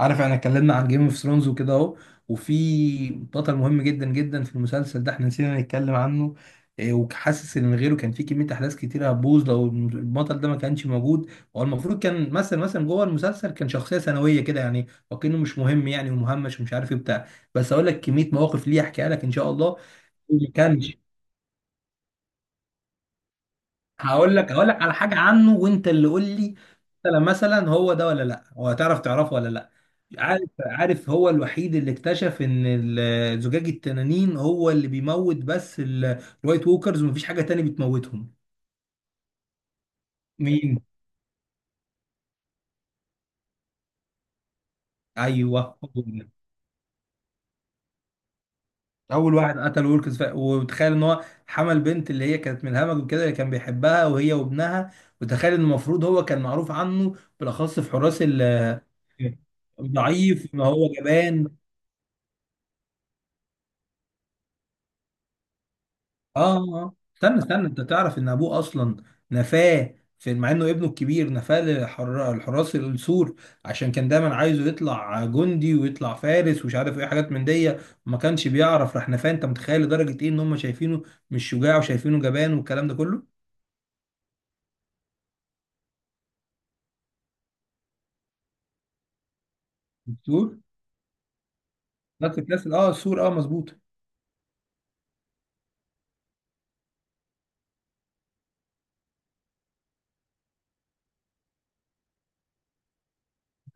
عارف احنا اتكلمنا عن جيم اوف ثرونز وكده اهو. وفي بطل مهم جدا في المسلسل ده احنا نسينا نتكلم عنه. إيه، وحاسس ان من غيره كان في كميه احداث كتيره هتبوظ لو البطل ده ما كانش موجود. هو المفروض كان مثلا جوه المسلسل كان شخصيه ثانويه كده، يعني وكانه مش مهم، يعني ومهمش ومش عارف ايه بتاع. بس اقول لك كميه مواقف ليه احكيها لك ان شاء الله. كان، هقول لك على حاجه عنه وانت اللي قول لي. مثلا هو ده ولا لا، هو هتعرف تعرفه ولا لا؟ عارف هو الوحيد اللي اكتشف ان زجاج التنانين هو اللي بيموت بس الوايت ووكرز، ومفيش حاجه تاني بتموتهم. مين؟ ايوه هو ده. اول واحد قتل ويلكس، وتخيل ان هو حمل بنت، اللي هي كانت من الهمج وكده، اللي كان بيحبها، وهي وابنها. وتخيل ان المفروض هو كان معروف عنه بالاخص في حراس ضعيف، ان هو جبان. اه اه. استنى انت تعرف ان ابوه اصلا نفاه، في مع انه ابنه الكبير نفاه الحراس السور، عشان كان دايما عايزه يطلع جندي ويطلع فارس ومش عارف ايه حاجات من دي. ما كانش بيعرف، راح نفاه. انت متخيل لدرجه ايه ان هم شايفينه مش شجاع وشايفينه جبان والكلام ده كله؟ السور، نفس الكاس. اه السور، اه مظبوط.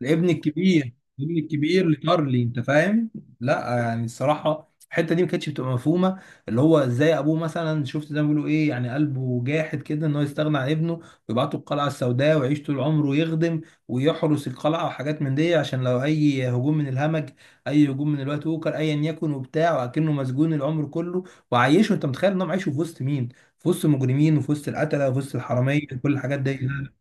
الابن الكبير، الابن الكبير لتارلي، انت فاهم؟ لا يعني الصراحه الحته دي ما كانتش بتبقى مفهومه. اللي هو ازاي ابوه، مثلا شفت زي ما بيقولوا ايه، يعني قلبه جاحد كده ان هو يستغنى عن ابنه، ويبعته القلعه السوداء ويعيش طول عمره يخدم ويحرس القلعه وحاجات من دي، عشان لو اي هجوم من الهمج، اي هجوم من الوقت اوكر ايا يكن وبتاع، وكأنه مسجون العمر كله. وعايشه، انت متخيل ان هو عايشه في وسط مين؟ في وسط المجرمين وفي وسط القتله وفي وسط الحراميه، كل الحاجات دي. لا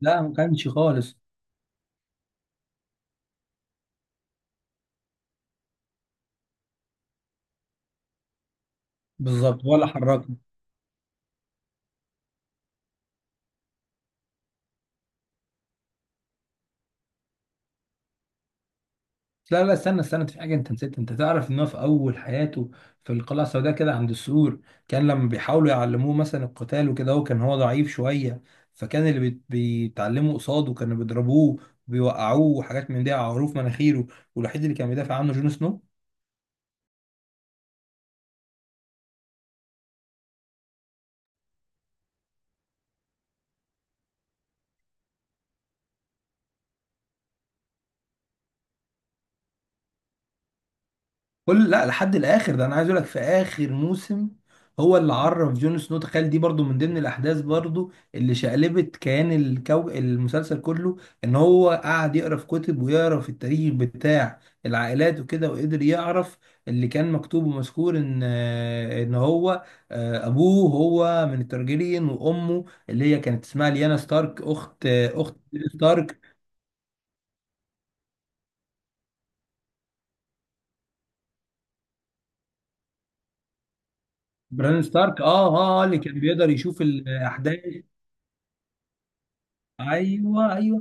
لا ما كانش خالص. بالظبط ولا حركه. لا استنى، في حاجة انت نسيت. انت تعرف ان هو في اول حياته في القلعة السوداء كده عند السور، كان لما بيحاولوا يعلموه مثلا القتال وكده، هو كان ضعيف شوية، فكان اللي بيتعلموا قصاده كانوا بيضربوه وبيوقعوه وحاجات من دي على عروف مناخيره، والوحيد اللي كان بيدافع عنه جون سنو. كل، لا لحد الاخر ده. انا عايز اقول لك في اخر موسم هو اللي عرف جون سنو. تخيل دي برضو من ضمن الاحداث برضو اللي شقلبت كيان المسلسل كله. ان هو قعد يقرا في كتب ويقرا في التاريخ بتاع العائلات وكده، وقدر يعرف اللي كان مكتوب ومذكور ان ان هو ابوه هو من الترجيريين، وامه اللي هي كانت اسمها ليانا ستارك، اخت اخت ستارك. بران ستارك، اه اه، اللي كان بيقدر يشوف الاحداث. ايوه ايوه.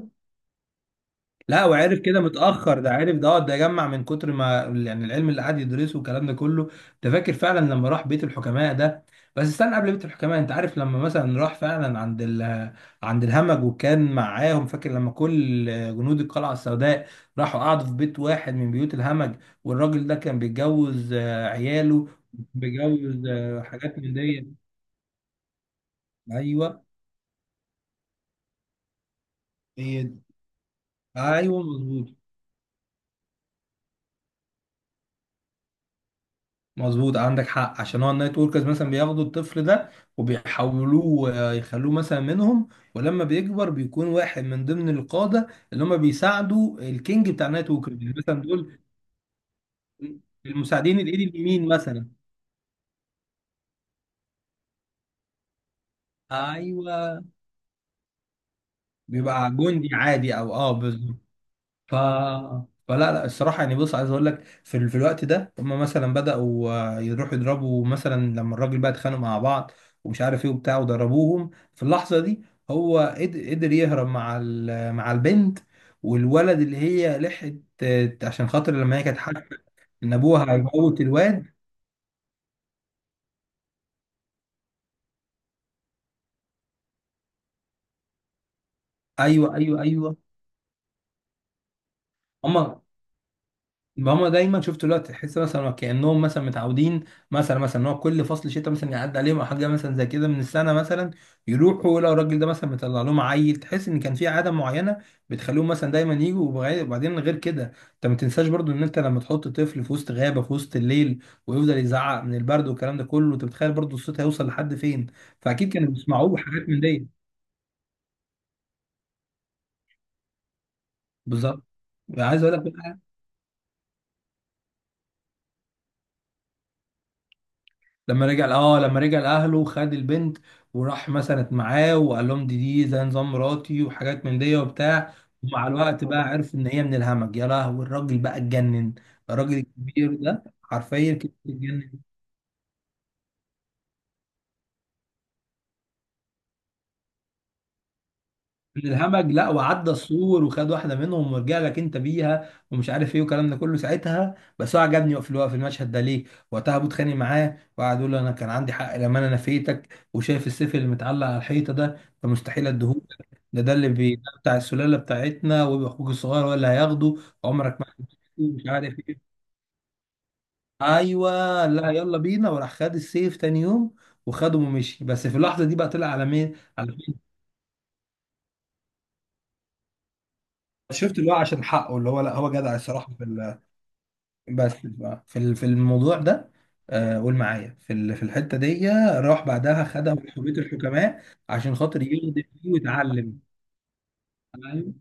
لا وعرف كده متأخر، ده عرف ده ده جمع من كتر ما يعني العلم اللي قعد يدرسه والكلام ده كله. ده فاكر فعلا لما راح بيت الحكماء ده. بس استنى، قبل بيت الحكماء انت عارف لما مثلا راح فعلا عند ال، عند الهمج وكان معاهم؟ فاكر لما كل جنود القلعة السوداء راحوا قعدوا في بيت واحد من بيوت الهمج، والراجل ده كان بيتجوز عياله، بيتجوز حاجات من دي. ايوه هي دي. ايوه مظبوط. مظبوط عندك حق، عشان هو النايت وركرز مثلا بياخدوا الطفل ده وبيحولوه يخلوه مثلا منهم، ولما بيكبر بيكون واحد من ضمن القادة اللي هم بيساعدوا الكينج بتاع النايت وركرز، يعني مثلا دول المساعدين، الايد اليمين مثلا. ايوه، بيبقى جندي عادي، او اه بالظبط. ف، فلا لا الصراحه، يعني بص عايز اقول لك في, في الوقت ده هم مثلا بداوا يروحوا يضربوا، مثلا لما الراجل بقى اتخانقوا مع بعض ومش عارف ايه وبتاع، وضربوهم. في اللحظه دي هو قدر يهرب مع مع البنت والولد، اللي هي لحقت عشان خاطر لما هي كانت حاسه ان ابوها هيموت الواد. ايوه. هم، هما دايما، شفت دلوقتي تحس مثلا كانهم مثلا متعودين، مثلا ان هو كل فصل شتاء مثلا يعدي عليهم او حاجه مثلا زي كده من السنه مثلا، يروحوا لو الراجل ده مثلا مطلع لهم عيل. تحس ان كان في عاده معينه بتخليهم مثلا دايما يجوا، وبعدين غير كده. انت ما تنساش برضو ان انت لما تحط طفل في وسط غابه في وسط الليل ويفضل يزعق من البرد والكلام ده كله، انت بتخيل برضو الصوت هيوصل لحد فين. فاكيد كانوا بيسمعوه، حاجات من دي. بالظبط. عايز اقول لك، لما رجع، اه لما رجع لاهله خد البنت وراح مثلا معاه وقال لهم دي، دي زي نظام مراتي وحاجات من دي وبتاع. ومع الوقت بقى عرف ان هي من الهمج، يا لهوي الراجل بقى اتجنن، الراجل الكبير ده حرفيا كده اتجنن. من الهمج، لا وعدى السور وخد واحده منهم ورجع لك انت بيها ومش عارف ايه والكلام ده كله. ساعتها بس هو عجبني في الوقت، في المشهد ده ليه. وقتها ابو اتخانق معاه وقعد يقول له انا كان عندي حق لما انا نفيتك، وشايف السيف اللي متعلق على الحيطه ده، فمستحيل اديهولك. ده بتاع السلاله بتاعتنا، ويبقى اخوك الصغير هو اللي هياخده. عمرك ما هتشوفه، مش عارف ايه. ايوه قال لها يلا بينا، وراح خد السيف تاني يوم وخده ومشي. بس في اللحظه دي بقى طلع على مين، على مين. شفت اللي هو عشان حقه، اللي هو لا هو جدع الصراحه. بس بقى في في الموضوع ده، قول معايا في في الحته دي. راح بعدها خدها وحبيت الحكماء عشان خاطر يخدم فيه ويتعلم. فاهم؟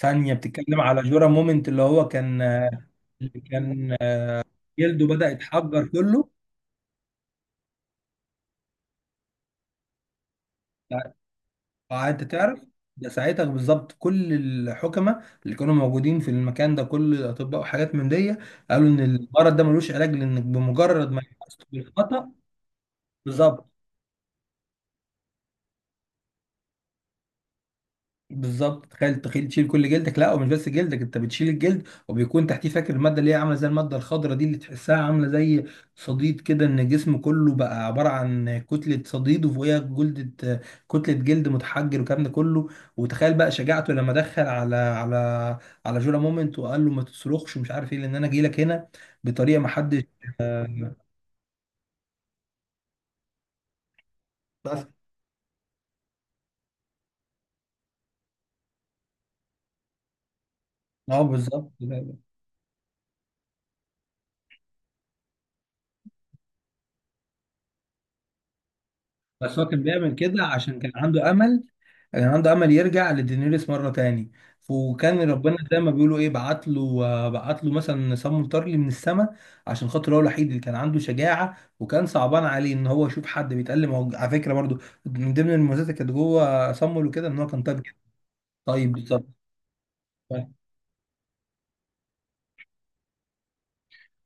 ثانيه بتتكلم على جورا مومنت، اللي هو كان، اللي كان جلده بدا يتحجر كله. انت تعرف، ده ساعتها بالظبط كل الحكماء اللي كانوا موجودين في المكان ده، كل الاطباء وحاجات من دي، قالوا ان المرض ده ملوش علاج، لانك بمجرد ما يحصل بالخطا. بالظبط. بالظبط، تخيل تشيل كل جلدك. لا ومش بس جلدك، انت بتشيل الجلد وبيكون تحتيه، فاكر الماده اللي هي عامله زي الماده الخضراء دي اللي تحسها عامله زي صديد كده، ان الجسم كله بقى عباره عن كتله صديد وفوقيها جلدة، كتله جلد متحجر والكلام ده كله. وتخيل بقى شجاعته لما دخل على على جولا مومنت وقال له ما تصرخش ومش عارف ايه، لان انا جاي لك هنا بطريقه ما حدش. بس اه بالظبط. بس هو كان بيعمل كده عشان كان عنده امل، كان عنده امل يرجع لدينيريس مره تاني. وكان ربنا زي ما بيقولوا ايه بعت له مثلا سم مطرلي من السماء، عشان خاطر هو الوحيد اللي كان عنده شجاعه، وكان صعبان عليه ان هو يشوف حد بيتألم. هو على فكره برضو من ضمن المميزات اللي كانت جوه سمو له كده، ان هو كان طيب جدا. طيب بالظبط.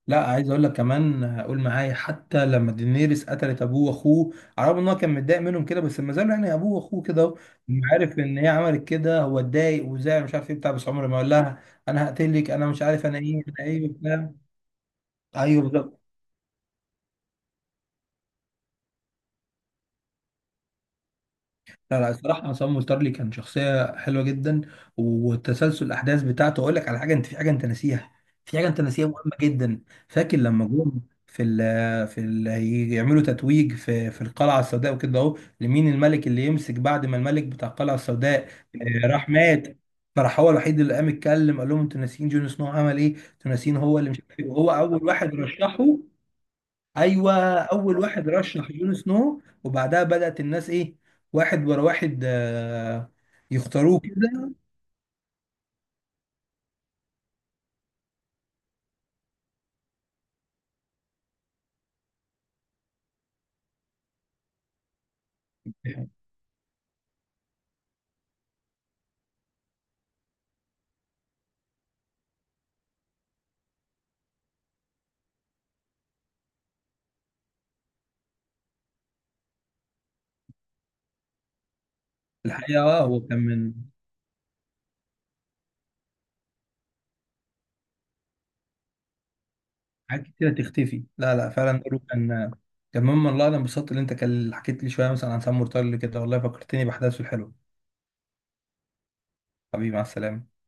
لا عايز اقول لك كمان، قول معايا حتى لما دينيريس قتلت ابوه واخوه، على الرغم ان هو كان متضايق منهم كده، بس ما زالوا يعني ابوه واخوه كده أهو. لما عارف ان هي عملت كده، هو اتضايق وزعل مش عارف ايه بتاع، بس عمره ما قال لها انا هقتلك انا مش عارف انا ايه انا ايه بتاع. ايوه بالظبط. لا لا الصراحة، عصام مولترلي كان شخصية حلوة جدا، وتسلسل الأحداث بتاعته. أقول لك على حاجة أنت، في حاجة أنت ناسيها، في حاجة أنت ناسيها مهمة جدا. فاكر لما جم في في ال، يعملوا تتويج في في القلعة السوداء وكده أهو، لمين الملك اللي يمسك بعد ما الملك بتاع القلعة السوداء راح مات؟ فراح هو الوحيد اللي قام اتكلم، قال لهم أنتوا ناسيين جون سنو عمل إيه؟ أنتوا ناسيين هو اللي مش عارف إيه، وهو أول واحد رشحه. ايوه اول واحد رشح جون سنو، وبعدها بدأت الناس ايه، واحد ورا واحد، يختاروه كده. الحقيقه اه هو كان من، حاجات كتيره تختفي. لا لا فعلا دوره كان، كان مما الله. انا انبسطت اللي انت كان حكيت لي شويه مثلا عن سام مرتضى كده، والله فكرتني باحداثه الحلوه. حبيبي مع السلامه.